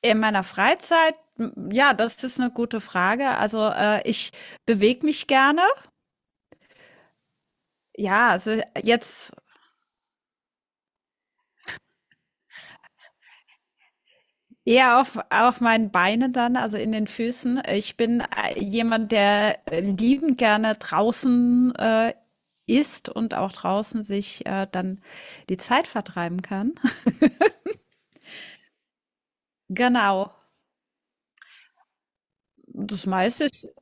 In meiner Freizeit, ja, das ist eine gute Frage. Also, ich bewege mich gerne. Ja, also jetzt eher auf meinen Beinen dann, also in den Füßen. Ich bin, jemand, der, liebend gerne draußen, ist und auch draußen sich, dann die Zeit vertreiben kann. Genau. Das meiste ist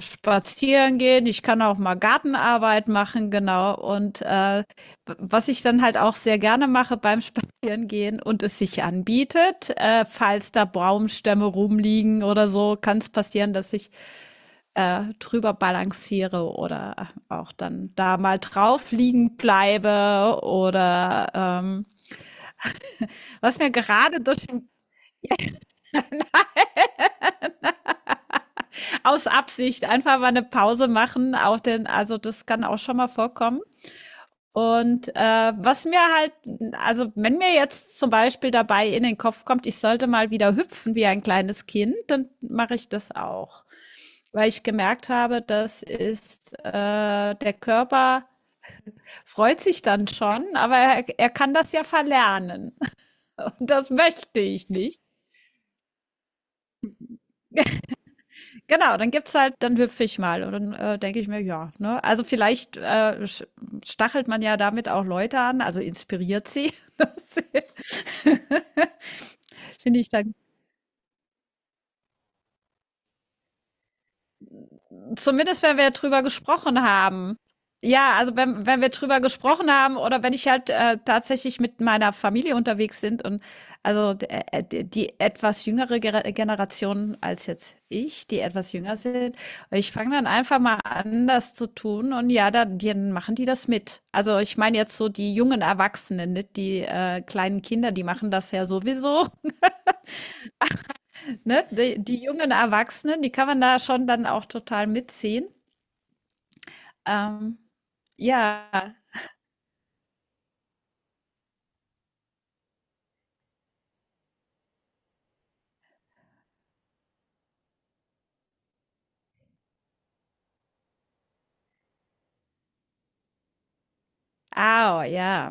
spazieren gehen, ich kann auch mal Gartenarbeit machen, genau. Und was ich dann halt auch sehr gerne mache beim Spazierengehen und es sich anbietet, falls da Baumstämme rumliegen oder so, kann es passieren, dass ich drüber balanciere oder auch dann da mal drauf liegen bleibe oder was mir gerade durch, aus Absicht einfach mal eine Pause machen, auch den, also das kann auch schon mal vorkommen. Und was mir halt, also wenn mir jetzt zum Beispiel dabei in den Kopf kommt, ich sollte mal wieder hüpfen wie ein kleines Kind, dann mache ich das auch. Weil ich gemerkt habe, das ist, der Körper freut sich dann schon, aber er kann das ja verlernen. Und das möchte ich nicht. Genau, dann gibt's halt, dann hüpfe ich mal. Und dann denke ich mir, ja, ne? Also vielleicht sch- stachelt man ja damit auch Leute an, also inspiriert sie. dass sie- Finde ich dann. Zumindest, wenn wir drüber gesprochen haben. Ja, also wenn wir drüber gesprochen haben oder wenn ich halt tatsächlich mit meiner Familie unterwegs sind und also die etwas Generation als jetzt ich, die etwas jünger sind, und ich fange dann einfach mal an, das zu tun und ja, dann machen die das mit. Also ich meine jetzt so die jungen Erwachsenen, nicht die kleinen Kinder, die machen das ja sowieso. Ne? Die jungen Erwachsenen, die kann man da schon dann auch total mitziehen. Ähm, ja, au, ja.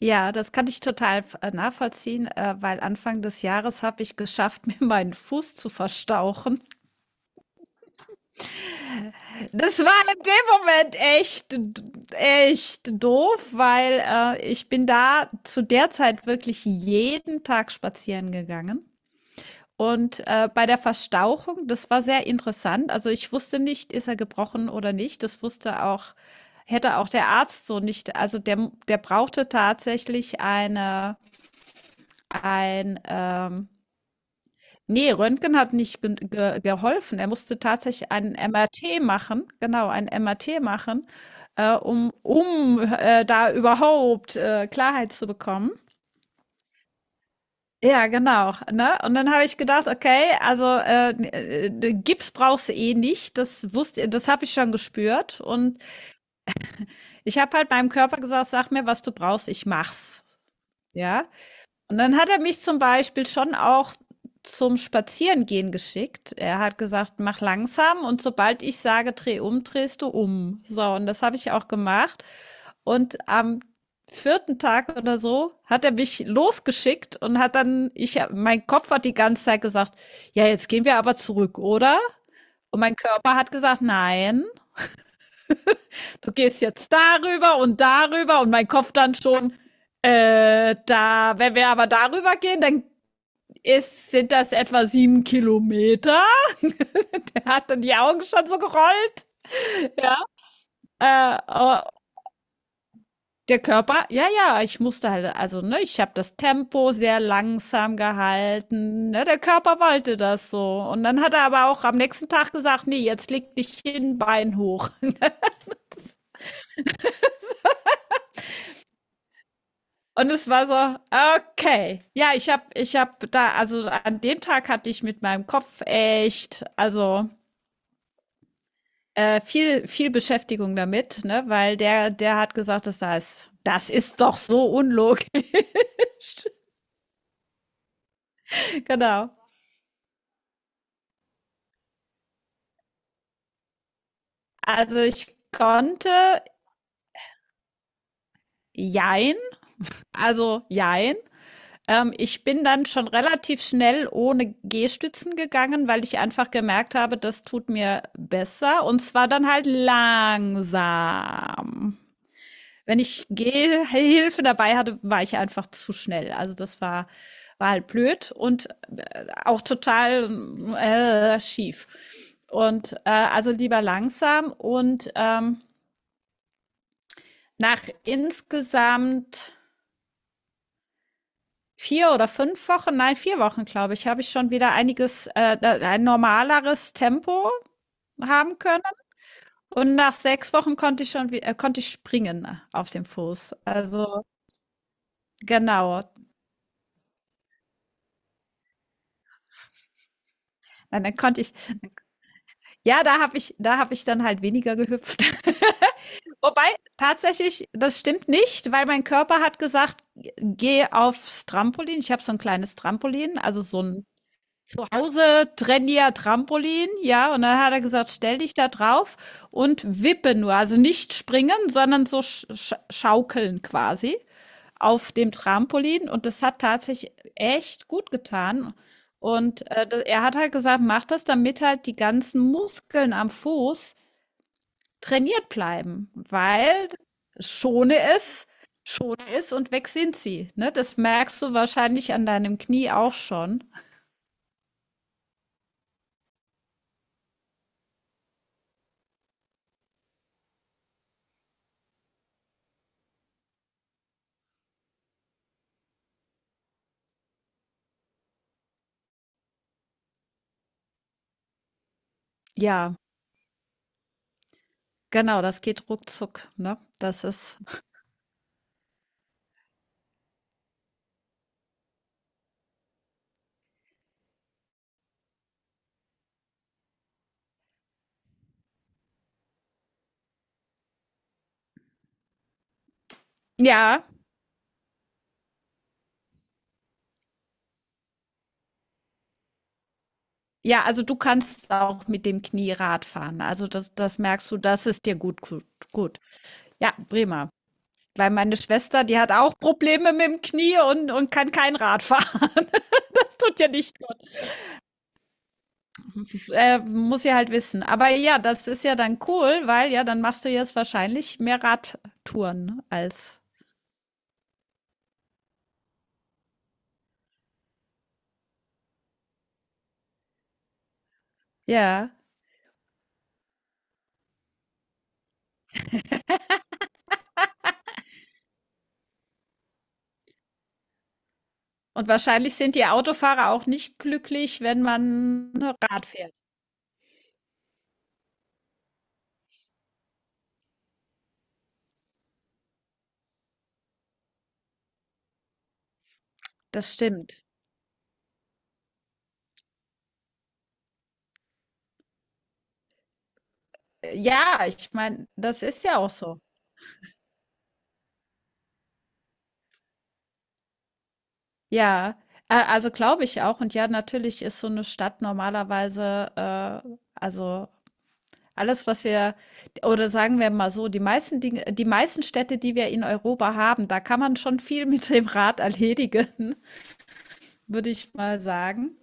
Ja, das kann ich total nachvollziehen, weil Anfang des Jahres habe ich geschafft, mir meinen Fuß zu verstauchen. Das war in dem Moment echt, echt doof, weil ich bin da zu der Zeit wirklich jeden Tag spazieren gegangen. Und, bei der Verstauchung, das war sehr interessant. Also, ich wusste nicht, ist er gebrochen oder nicht. Das wusste auch hätte auch der Arzt so nicht also, der brauchte tatsächlich ein, ähm ne, Röntgen hat nicht gen ge geholfen. Er musste tatsächlich ein MRT machen, genau, ein MRT machen, da überhaupt, Klarheit zu bekommen. Ja, genau, ne? Und dann habe ich gedacht: „Okay, also, Gips brauchst du eh nicht." Das wusste das habe ich schon gespürt und ich habe halt meinem Körper gesagt: „Sag mir, was du brauchst, ich mach's. Ja? Und dann hat er mich zum Beispiel schon auch zum Spazierengehen geschickt. Er hat gesagt, mach langsam und sobald ich sage, dreh um, drehst du um. So, und das habe ich auch gemacht. Und am vierten Tag oder so hat er mich losgeschickt und hat dann, ich, mein Kopf hat die ganze Zeit gesagt, ja, jetzt gehen wir aber zurück, oder? Und mein Körper hat gesagt, nein, du gehst jetzt darüber und darüber und mein Kopf dann schon, da, wenn wir aber darüber gehen, dann ist, sind das etwa 7 Kilometer? Der hat dann die Augen schon so gerollt. Ja. Äh, äh, der Körper, ja, ja, ich musste halt, also, ne, ich habe das Tempo sehr langsam gehalten. Ne, der Körper wollte das so. Und dann hat er aber auch am nächsten Tag gesagt, nee, jetzt leg dich hin, Bein hoch. Und es war so, okay. Ja, ich habe da, also an dem Tag hatte ich mit meinem Kopf echt, also viel, viel Beschäftigung damit, ne? Weil der hat gesagt, das heißt, das ist doch so unlogisch. Genau. Also ich konnte jein, also jein. Ich bin dann schon relativ schnell ohne Gehstützen gegangen, weil ich einfach gemerkt habe, das tut mir besser. Und zwar dann halt langsam. Wenn ich Gehhilfe dabei hatte, war ich einfach zu schnell. Also das war halt blöd und auch total schief. Und also lieber langsam und nach insgesamt 4 oder 5 Wochen, nein, 4 Wochen, glaube ich, habe ich schon wieder einiges, ein normaleres Tempo haben können. Und nach 6 Wochen konnte ich springen auf dem Fuß. Also genau. Nein, dann konnte ich, ja, da habe ich dann halt weniger gehüpft. Wobei, tatsächlich, das stimmt nicht, weil mein Körper hat gesagt: „Geh aufs Trampolin." Ich habe so ein kleines Trampolin, also so ein zu Hause Trainier Trampolin, ja, und dann hat er gesagt, stell dich da drauf und wippe nur, also nicht springen, sondern so schaukeln quasi auf dem Trampolin und das hat tatsächlich echt gut getan. Und er hat halt gesagt, mach das, damit halt die ganzen Muskeln am Fuß trainiert bleiben, weil schone es, schone es und weg sind sie. Ne? Das merkst du wahrscheinlich an deinem Knie auch schon. Ja. Genau, das geht ruckzuck, ne? Das ist ja, ja, also du kannst auch mit dem Knie Rad fahren. Also das merkst du, das ist dir gut. Ja, prima. Weil meine Schwester, die hat auch Probleme mit dem Knie und kann kein Rad fahren. Das tut ja nicht gut. Muss sie halt wissen. Aber ja, das ist ja dann cool, weil ja, dann machst du jetzt wahrscheinlich mehr Radtouren als ja. Und wahrscheinlich sind die Autofahrer auch nicht glücklich, wenn man Rad fährt. Das stimmt. Ja, ich meine, das ist ja auch so. Ja, a also, glaube ich auch. Und ja, natürlich ist so eine Stadt normalerweise, äh also, alles, was wir oder sagen wir mal so, die meisten Städte, die wir in Europa haben, da kann man schon viel mit dem Rad erledigen, würde ich mal sagen.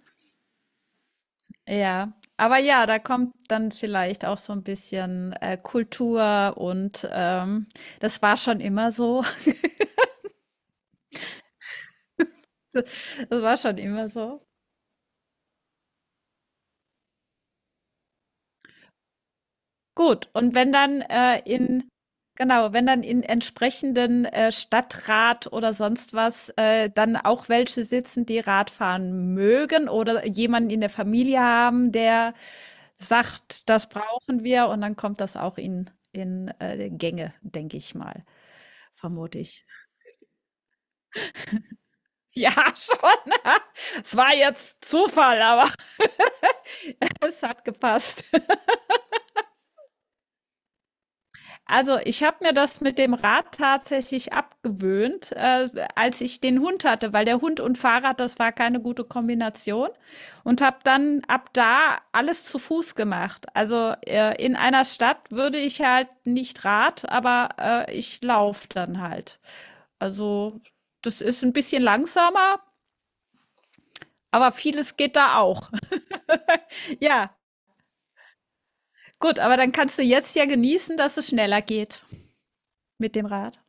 Ja. Aber ja, da kommt dann vielleicht auch so ein bisschen, Kultur und, das war schon immer so. Das war schon immer so. Gut, und wenn dann, in genau, wenn dann in entsprechenden, Stadtrat oder sonst was, dann auch welche sitzen, die Radfahren mögen oder jemanden in der Familie haben, der sagt: „Das brauchen wir", und dann kommt das auch Gänge, denke ich mal, vermute ich. Ja, schon. Es war jetzt Zufall, aber es hat gepasst. Also, ich habe mir das mit dem Rad tatsächlich abgewöhnt, als ich den Hund hatte, weil der Hund und Fahrrad, das war keine gute Kombination und habe dann ab da alles zu Fuß gemacht. Also, in einer Stadt würde ich halt nicht Rad, aber ich laufe dann halt. Also, das ist ein bisschen langsamer, aber vieles geht da auch. Ja, gut, aber dann kannst du jetzt ja genießen, dass es schneller geht mit dem Rad.